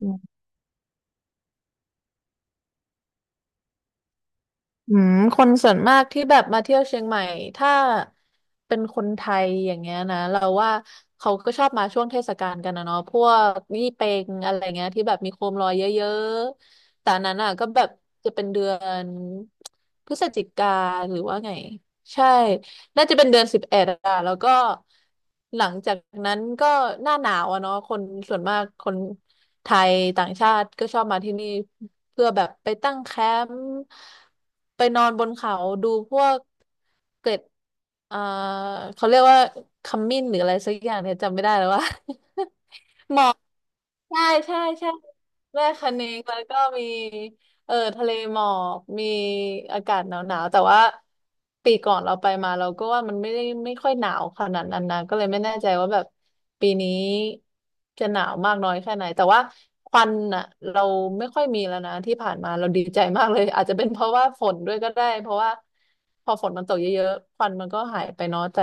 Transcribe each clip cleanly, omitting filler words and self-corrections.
อืคนส่วนมากที่แบบมาเที่ยวเชียงใหม่ถ้าเป็นคนไทยอย่างเงี้ยนะเราว่าเขาก็ชอบมาช่วงเทศกาลกันนะเนาะพวกยี่เป็งอะไรเงี้ยที่แบบมีโคมลอยเยอะๆแต่อันนั้นอ่ะก็แบบจะเป็นเดือนพฤศจิกาหรือว่าไงใช่ น่าจะเป็นเดือน11อะแล้วก็หลังจากนั้นก็หน้าหนาวอะเนาะคนส่วนมากคนไทยต่างชาติก็ชอบมาที่นี่เพื่อแบบไปตั้งแคมป์ไปนอนบนเขาดูพวกเกล็ดเอ่อเขาเรียกว่าขมิ้นหรืออะไรสักอย่างเนี่ยจำไม่ได้แล้วว่า หมอกใช่ใช่ใช่แม่คะเนงแล้วก็มีเออทะเลหมอกมีอากาศหนาวๆแต่ว่าปีก่อนเราไปมาเราก็ว่ามันไม่ได้ไม่ค่อยหนาวขนาดนั้นนะก็เลยไม่แน่ใจว่าแบบปีนี้จะหนาวมากน้อยแค่ไหนแต่ว่าควันอ่ะเราไม่ค่อยมีแล้วนะที่ผ่านมาเราดีใจมากเลยอาจจะเป็นเพราะว่าฝนด้วยก็ได้เพราะว่าพอฝนมันตกเยอะๆควันมันก็หายไปเนาะแต่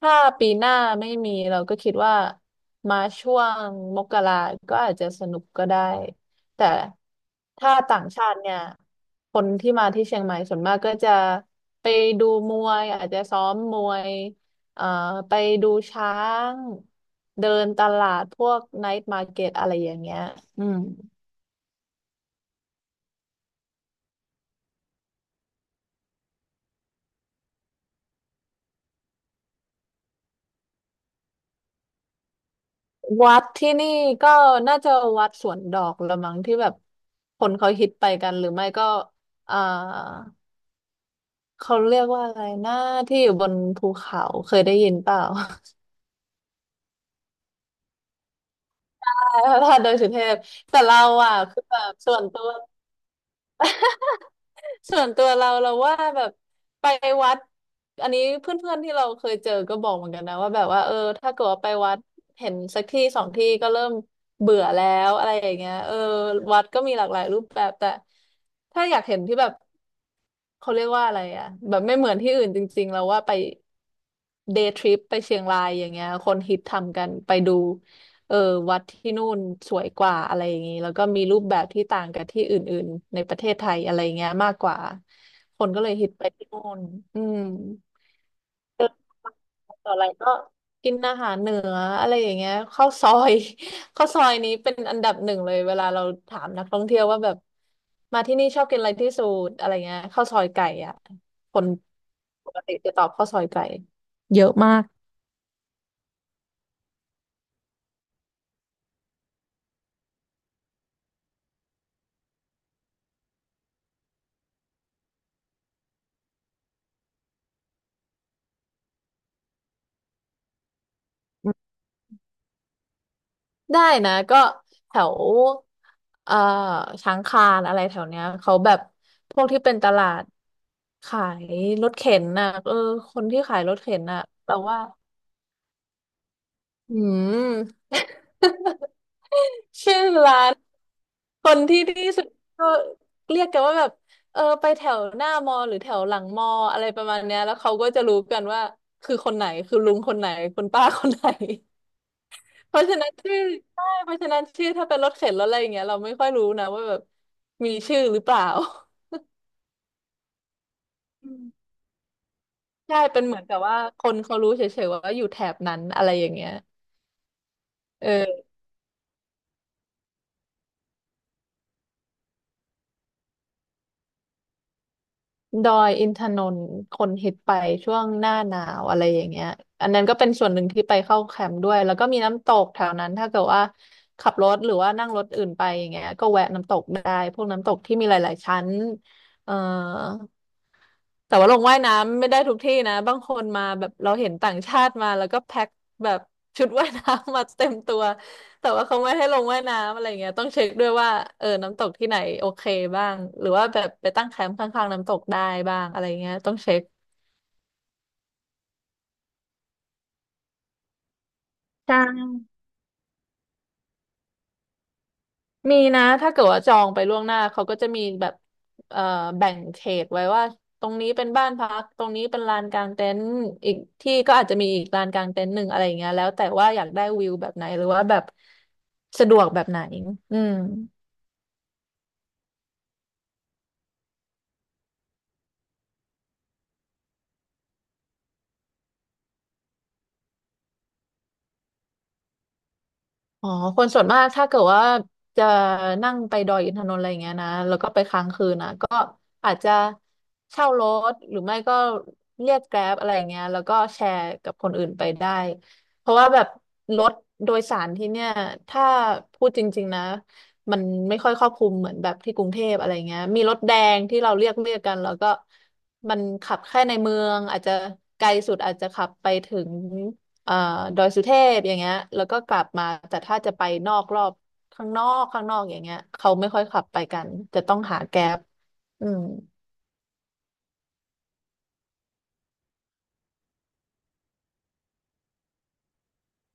ถ้าปีหน้าไม่มีเราก็คิดว่ามาช่วงมกราก็อาจจะสนุกก็ได้ แต่ถ้าต่างชาติเนี่ย คนที่มาที่เชียงใหม่ส่วนมากก็จะไปดูมวยอาจจะซ้อมมวยเอ่อไปดูช้างเดินตลาดพวกไนท์มาร์เก็ตอะไรอย่างเงี้ยอืมวัดที่นี่ก็น่าจะวัดสวนดอกละมั้งที่แบบคนเขาฮิตไปกันหรือไม่ก็เอ่า เขาเรียกว่าอะไรนะที่อยู่บนภูเขาเคยได้ยินเปล่า พระธา ตุดอยสุเทพแต่เราอ่ะคือแบบส่วนตัวเราเราว่าแบบไปวัดอันนี้เพื่อนๆที่เราเคยเจอก็บอกเหมือนกันนะว่าแบบว่าเออถ้าเกิดว่าไปวัดเห็นสักที่สองที่ก็เริ่มเบื่อแล้วอะไรอย่างเงี้ยเออวัดก็มีหลากหลายรูปแบบแต่ถ้าอยากเห็นที่แบบ เขาเรียกว่าอะไรอ่ะแบบไม่เหมือนที่อื่นจริงๆแล้วว่าไปเดย์ทริปไปเชียงรายอย่างเงี้ยคนฮิตทำกันไปดูเออวัดที่นู่นสวยกว่าอะไรอย่างงี้แล้วก็มีรูปแบบที่ต่างกับที่อื่นๆในประเทศไทยอะไรเงี้ยมากกว่าคนก็เลยฮิตไปที่นู่นอืม เดินต่ออะไรก็กินอาหารเหนืออะไรอย่างเงี้ยข้าวซอย ข้าวซอยนี้เป็นอันดับหนึ่งเลยเวลาเราถามนักท่องเที่ยวว่าแบบมาที่นี่ชอบกินอะไรที่สุดอะไรเงี้ยข้าวซอยไก่อ่ะคนปกติจะตอบข้าวซอยไก่เยอะมากได้นะก็แถวเอ่อช้างคานอะไรแถวเนี้ยเขาแบบพวกที่เป็นตลาดขายรถเข็นน่ะเออคนที่ขายรถเข็นน่ะแราว่า อืม ชื่อร้านคนที่ที่สุดก็เรียกกันว่าแบบเออไปแถวหน้ามอหรือแถวหลังมออะไรประมาณเนี้ยแล้วเขาก็จะรู้กันว่าคือคนไหนคือลุงคนไหนคุณป้าคนไหนเพราะฉะนั้นชื่อใช่เพราะฉะนั้นชื่อถ้าเป็นรถเข็นรถอะไรอย่างเงี้ยเราไม่ค่อยรู้นะว่าแบบมีชื่อหรือเปล่าอืมใช่เป็นเหมือนกับว่าคนเขารู้เฉยๆว่าอยู่แถบนั้นอะไรอย่างเงี้ยเออ ดอยอินทนนท์คนฮิตไปช่วงหน้าหนาวอะไรอย่างเงี้ยอันนั้นก็เป็นส่วนหนึ่งที่ไปเข้าแคมป์ด้วยแล้วก็มีน้ำตกแถวนั้นถ้าเกิดว่าขับรถหรือว่านั่งรถอื่นไปอย่างเงี้ยก็แวะน้ำตกได้พวกน้ำตกที่มีหลายๆชั้นเอ่อ แต่ว่าลงว่ายน้ำไม่ได้ทุกที่นะบางคนมาแบบเราเห็นต่างชาติมาแล้วก็แพ็คแบบชุดว่ายน้ำมาเต็มตัวแต่ว่าเขาไม่ให้ลงว่ายน้ำอะไรเงี้ยต้องเช็คด้วยว่าเออน้ำตกที่ไหนโอเคบ้างหรือว่าแบบไปตั้งแคมป์ข้างๆน้ำตกได้บ้างอะไรเงี้ยต้องเช็คใช่ มีนะถ้าเกิดว่าจองไปล่วงหน้าเขาก็จะมีแบบเอ่อแบ่งเขตไว้ว่าตรงนี้เป็นบ้านพักตรงนี้เป็นลานกางเต็นท์อีกที่ก็อาจจะมีอีกลานกางเต็นท์หนึ่งอะไรอย่างเงี้ยแล้วแต่ว่าอยากได้วิวแบบไหนหรือว่าแบบสะดวกแบบไหนอืม อ๋อคนส่วนมากถ้าเกิดว่าจะนั่งไปดอยอินทนนท์อะไรอย่างเงี้ยนะแล้วก็ไปค้างคืนนะก็อาจจะเช่ารถหรือไม่ก็เรียกแกร็บอะไรอย่างเงี้ยแล้วก็แชร์กับคนอื่นไปได้เพราะว่าแบบรถโดยสารที่เนี่ยถ้าพูดจริงๆนะมันไม่ค่อยครอบคลุมเหมือนแบบที่กรุงเทพอะไรเงี้ยมีรถแดงที่เราเรียกกันแล้วก็มันขับแค่ในเมืองอาจจะไกลสุดอาจจะขับไปถึง เอ่อดอยสุเทพอย่างเงี้ยแล้วก็กลับมาแต่ถ้าจะไปนอกรอบข้างนอกข้างนอกอย่างเงี้ยเขาไม่ค่อยขับไปกันจะต้องหาแก๊ปอืม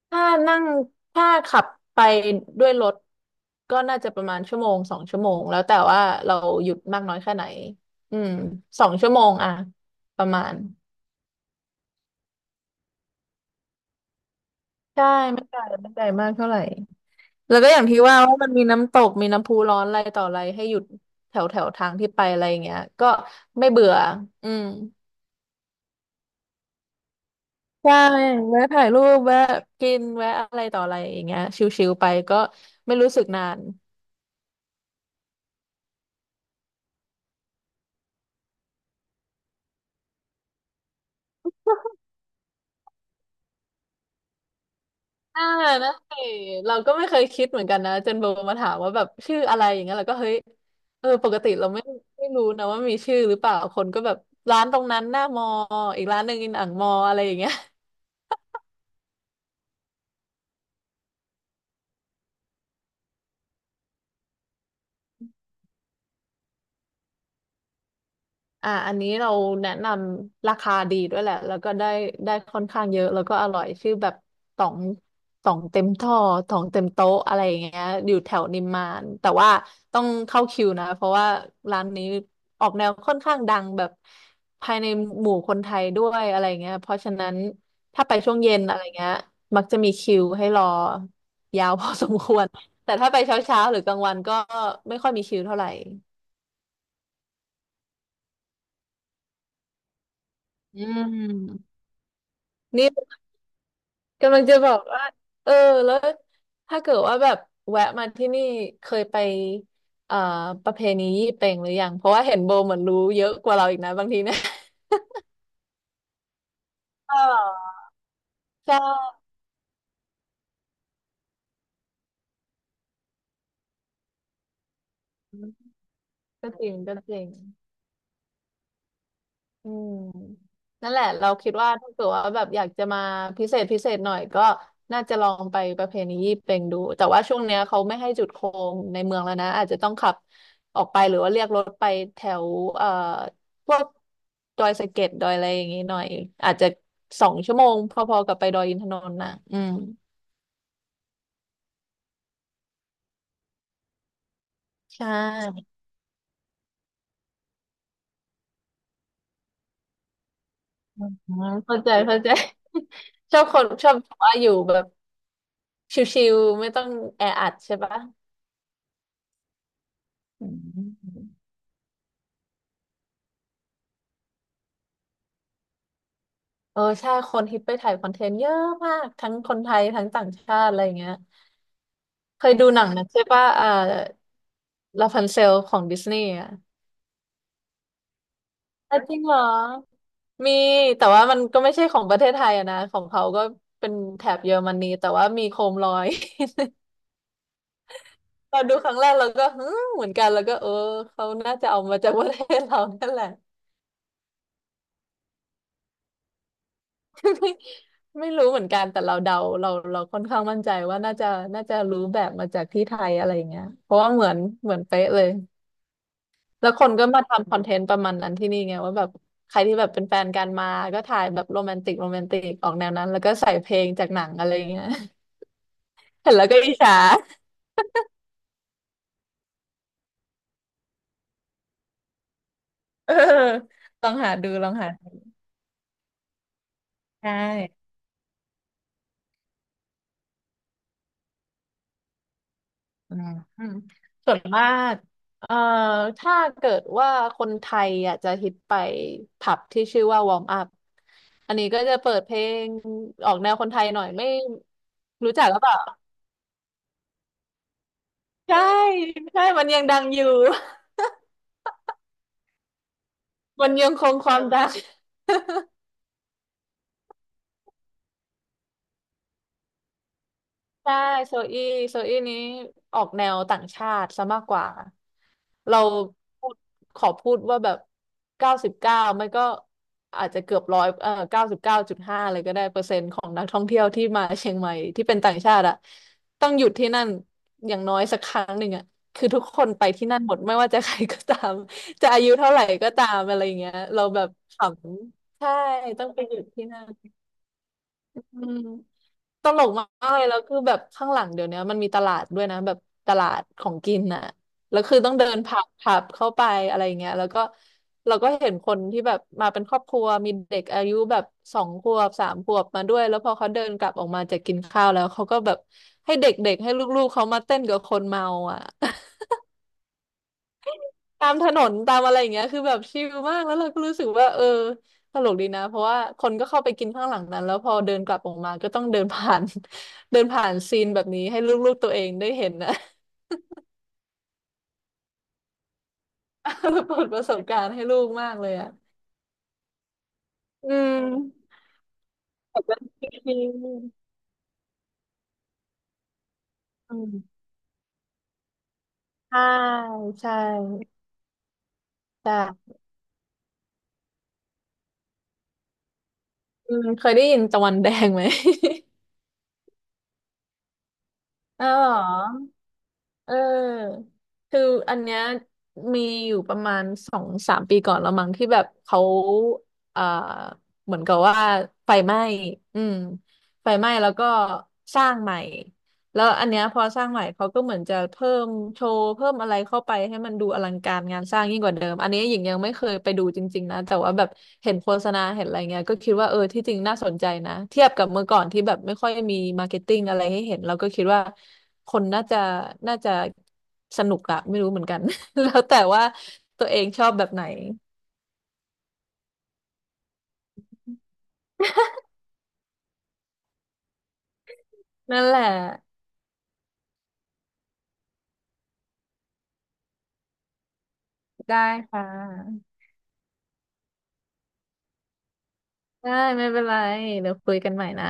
ถ้านั่งถ้าขับไปด้วยรถก็น่าจะประมาณ1-2 ชั่วโมงแล้วแต่ว่าเราหยุดมากน้อยแค่ไหนอืมสองชั่วโมงอะประมาณใช่ไม่ไกลไม่ไกลมากเท่าไหร่แล้วก็อย่างที่ว่าว่ามันมีน้ำตกมีน้ำพุร้อนอะไรต่ออะไรให้หยุดแถวแถวทางที่ไปอะไรอย่างเงี้ยก็ไม่เบื่ออืม ใช่ แวะถ่ายรูปแวะกินแวะอะไรต่ออะไรอย่างเงี้ยชิลๆไปก็ไม่รู้สึกนานอ่านะสิเราก็ไม่เคยคิดเหมือนกันนะจนโบมาถามว่าแบบชื่ออะไรอย่างเงี้ยเราก็เฮ้ยเออปกติเราไม่ไม่รู้นะว่ามีชื่อหรือเปล่าคนก็แบบร้านตรงนั้นหน้ามออีกร้านหนึ่งอินอ่างมออะไรอย่างเงี้ย อันนี้เราแนะนำราคาดีด้วยแหละแล้วก็ได้ค่อนข้างเยอะแล้วก็อร่อยชื่อแบบต่องต่องเต็มท่อต่องเต็มโต๊ะอะไรอย่างเงี้ยอยู่แถวนิมมานแต่ว่าต้องเข้าคิวนะเพราะว่าร้านนี้ออกแนวค่อนข้างดังแบบภายในหมู่คนไทยด้วยอะไรเงี้ยเพราะฉะนั้นถ้าไปช่วงเย็นอะไรเงี้ยมักจะมีคิวให้รอยาวพอสมควร แต่ถ้าไปเช้าๆหรือกลางวันก็ไม่ค่อยมีคิวเท่าไหร่อืมนี่ กำลังจะบอกว่าเออแล้วถ้าเกิดว่าแบบแวะมาที่นี่เคยไปเอ่อประเพณียี่เป็งหรือยังเพราะว่าเห็นโบเหมือนรู้เยอะกว่าเราอีกนะบางทีเนี่ย เออใช่ก็จริงก็จริง อืมนั่นแหละเราคิดว่าถ้าเกิดว่าแบบอยากจะมาพิเศษพิเศษหน่อยก็น่าจะลองไปประเพณียี่เป่งดูแต่ว่าช่วงเนี้ยเขาไม่ให้จุดโคมในเมืองแล้วนะอาจจะต้องขับออกไปหรือว่าเรียกรถไปแถวเอ่อพวกดอยสะเก็ดดอยอะไรอย่างงี้หน่อยอาจจะสองชั่วโมงพอๆกับไปดอยอินทนนท์นะอืมใช่อืมเข้าใจเข้าใจ ชอบคนชอบว่าอยู่แบบชิวๆไม่ต้องแออัดใช่ปะอืม เออใช่คนฮิตไปถ่ายคอนเทนต์เยอะมากทั้งคนไทยทั้งต่างชาติอะไรอย่างเงี้ยเคยดูหนังนะใช่ป่ะลาพันเซลของดิสนีย์อ่ะอ่ะจริงเหรอมีแต่ว่ามันก็ไม่ใช่ของประเทศไทยอะนะของเขาก็เป็นแถบเยอรมนีแต่ว่ามีโคมลอย เราดูครั้งแรกเราก็ฮึมเหมือนกันแล้วก็เออเขาน่าจะเอามาจากประเทศเรานั่นแหละ ไม่ ไม่รู้เหมือนกันแต่เราเดาเราเราค่อนข้างมั่นใจว่าน่าจะรู้แบบมาจากที่ไทยอะไรอย่างเงี้ยเพราะว่าเหมือนเป๊ะเลย แล้วคนก็มาทำคอนเทนต์ประมาณนั้นที่นี่ไงว่าแบบใครที่แบบเป็นแฟนกันมา ก็ถ่ายแบบโรแมนติกโรแมนติกออกแนวนั้นแล้วก็ใส่เพลงจากหนังอะไรอย่างเงี้ย เห็นแล้วก็อิจฉาเออลองหาดูลองหาดูใช่อืมอืมส่วนมากเอ่อถ้าเกิดว่าคนไทยอ่ะจะฮิตไปผับที่ชื่อว่าวอร์มอัพอันนี้ก็จะเปิดเพลงออกแนวคนไทยหน่อยไม่รู้จักหรือเปล่าใช่ใช่มันยังดังอยู่ มันยังคงความดัง ใช่โซอี้โซอี้นี้ออกแนวต่างชาติซะมากกว่าเราพูดขอพูดว่าแบบเก้าสิบเก้าไม่ก็อาจจะเกือบร้อย99.5เลยก็ได้เปอร์เซ็นต์ของนักท่องเที่ยวที่มาเชียงใหม่ที่เป็นต่างชาติอะต้องหยุดที่นั่นอย่างน้อยสักครั้งหนึ่งอะคือทุกคนไปที่นั่นหมดไม่ว่าจะใครก็ตาม จะอายุเท่าไหร่ก็ตามอะไรอย่างเงี้ยเราแบบขำใช่ต้องไปหยุดที่นั่นอืม ตลกมากเลยแล้วคือแบบข้างหลังเดี๋ยวนี้มันมีตลาดด้วยนะแบบตลาดของกินน่ะแล้วคือต้องเดินผับเข้าไปอะไรเงี้ยแล้วก็เราก็เห็นคนที่แบบมาเป็นครอบครัวมีเด็กอายุแบบ2-3 ขวบมาด้วยแล้วพอเขาเดินกลับออกมาจากกินข้าวแล้วเขาก็แบบให้เด็กๆให้ลูกๆเขามาเต้นกับคนเมาอ่ะ ตามถนนตามอะไรอย่างเงี้ยคือแบบชิลมากแล้วเราก็รู้สึกว่าเออตลกดีนะเพราะว่าคนก็เข้าไปกินข้างหลังนั้นแล้วพอเดินกลับออกมาก็ต้องเดินผ่าน เดินผ่านซีนแบบนี้ให้ลูกๆตัวเองได้เห็นนะ เปิดประสบการณ์ให้ลูกมากเลยอ่ะอืมแบบว่าชิลๆอืม ใช่ใช่ใช่อืมเคยได้ยินตะวันแดงไหม อ๋อ เออคืออันเนี้ยมีอยู่ประมาณ2-3 ปีก่อนแล้วมั้งที่แบบเขาอ่าเหมือนกับว่าไฟไหม้อืมไฟไหม้แล้วก็สร้างใหม่แล้วอันเนี้ยพอสร้างใหม่เขาก็เหมือนจะเพิ่มโชว์เพิ่มอะไรเข้าไปให้มันดูอลังการงานสร้างยิ่งกว่าเดิมอันนี้หญิงยังไม่เคยไปดูจริงๆนะแต่ว่าแบบเห็นโฆษณาเห็นอะไรเงี้ยก็คิดว่าเออที่จริงน่าสนใจนะเทียบกับเมื่อก่อนที่แบบไม่ค่อยมีมาร์เก็ตติ้งอะไรให้เห็นเราก็คิดว่า คนน่าจะสนุกอะไม่รู้เหมือนกัน แล้วแต่ว่าตัวเองชอบแบบไหนนั่นแหละได้ค่ะได้ไม่เป็นไรเดี๋ยวคุยกันใหม่นะ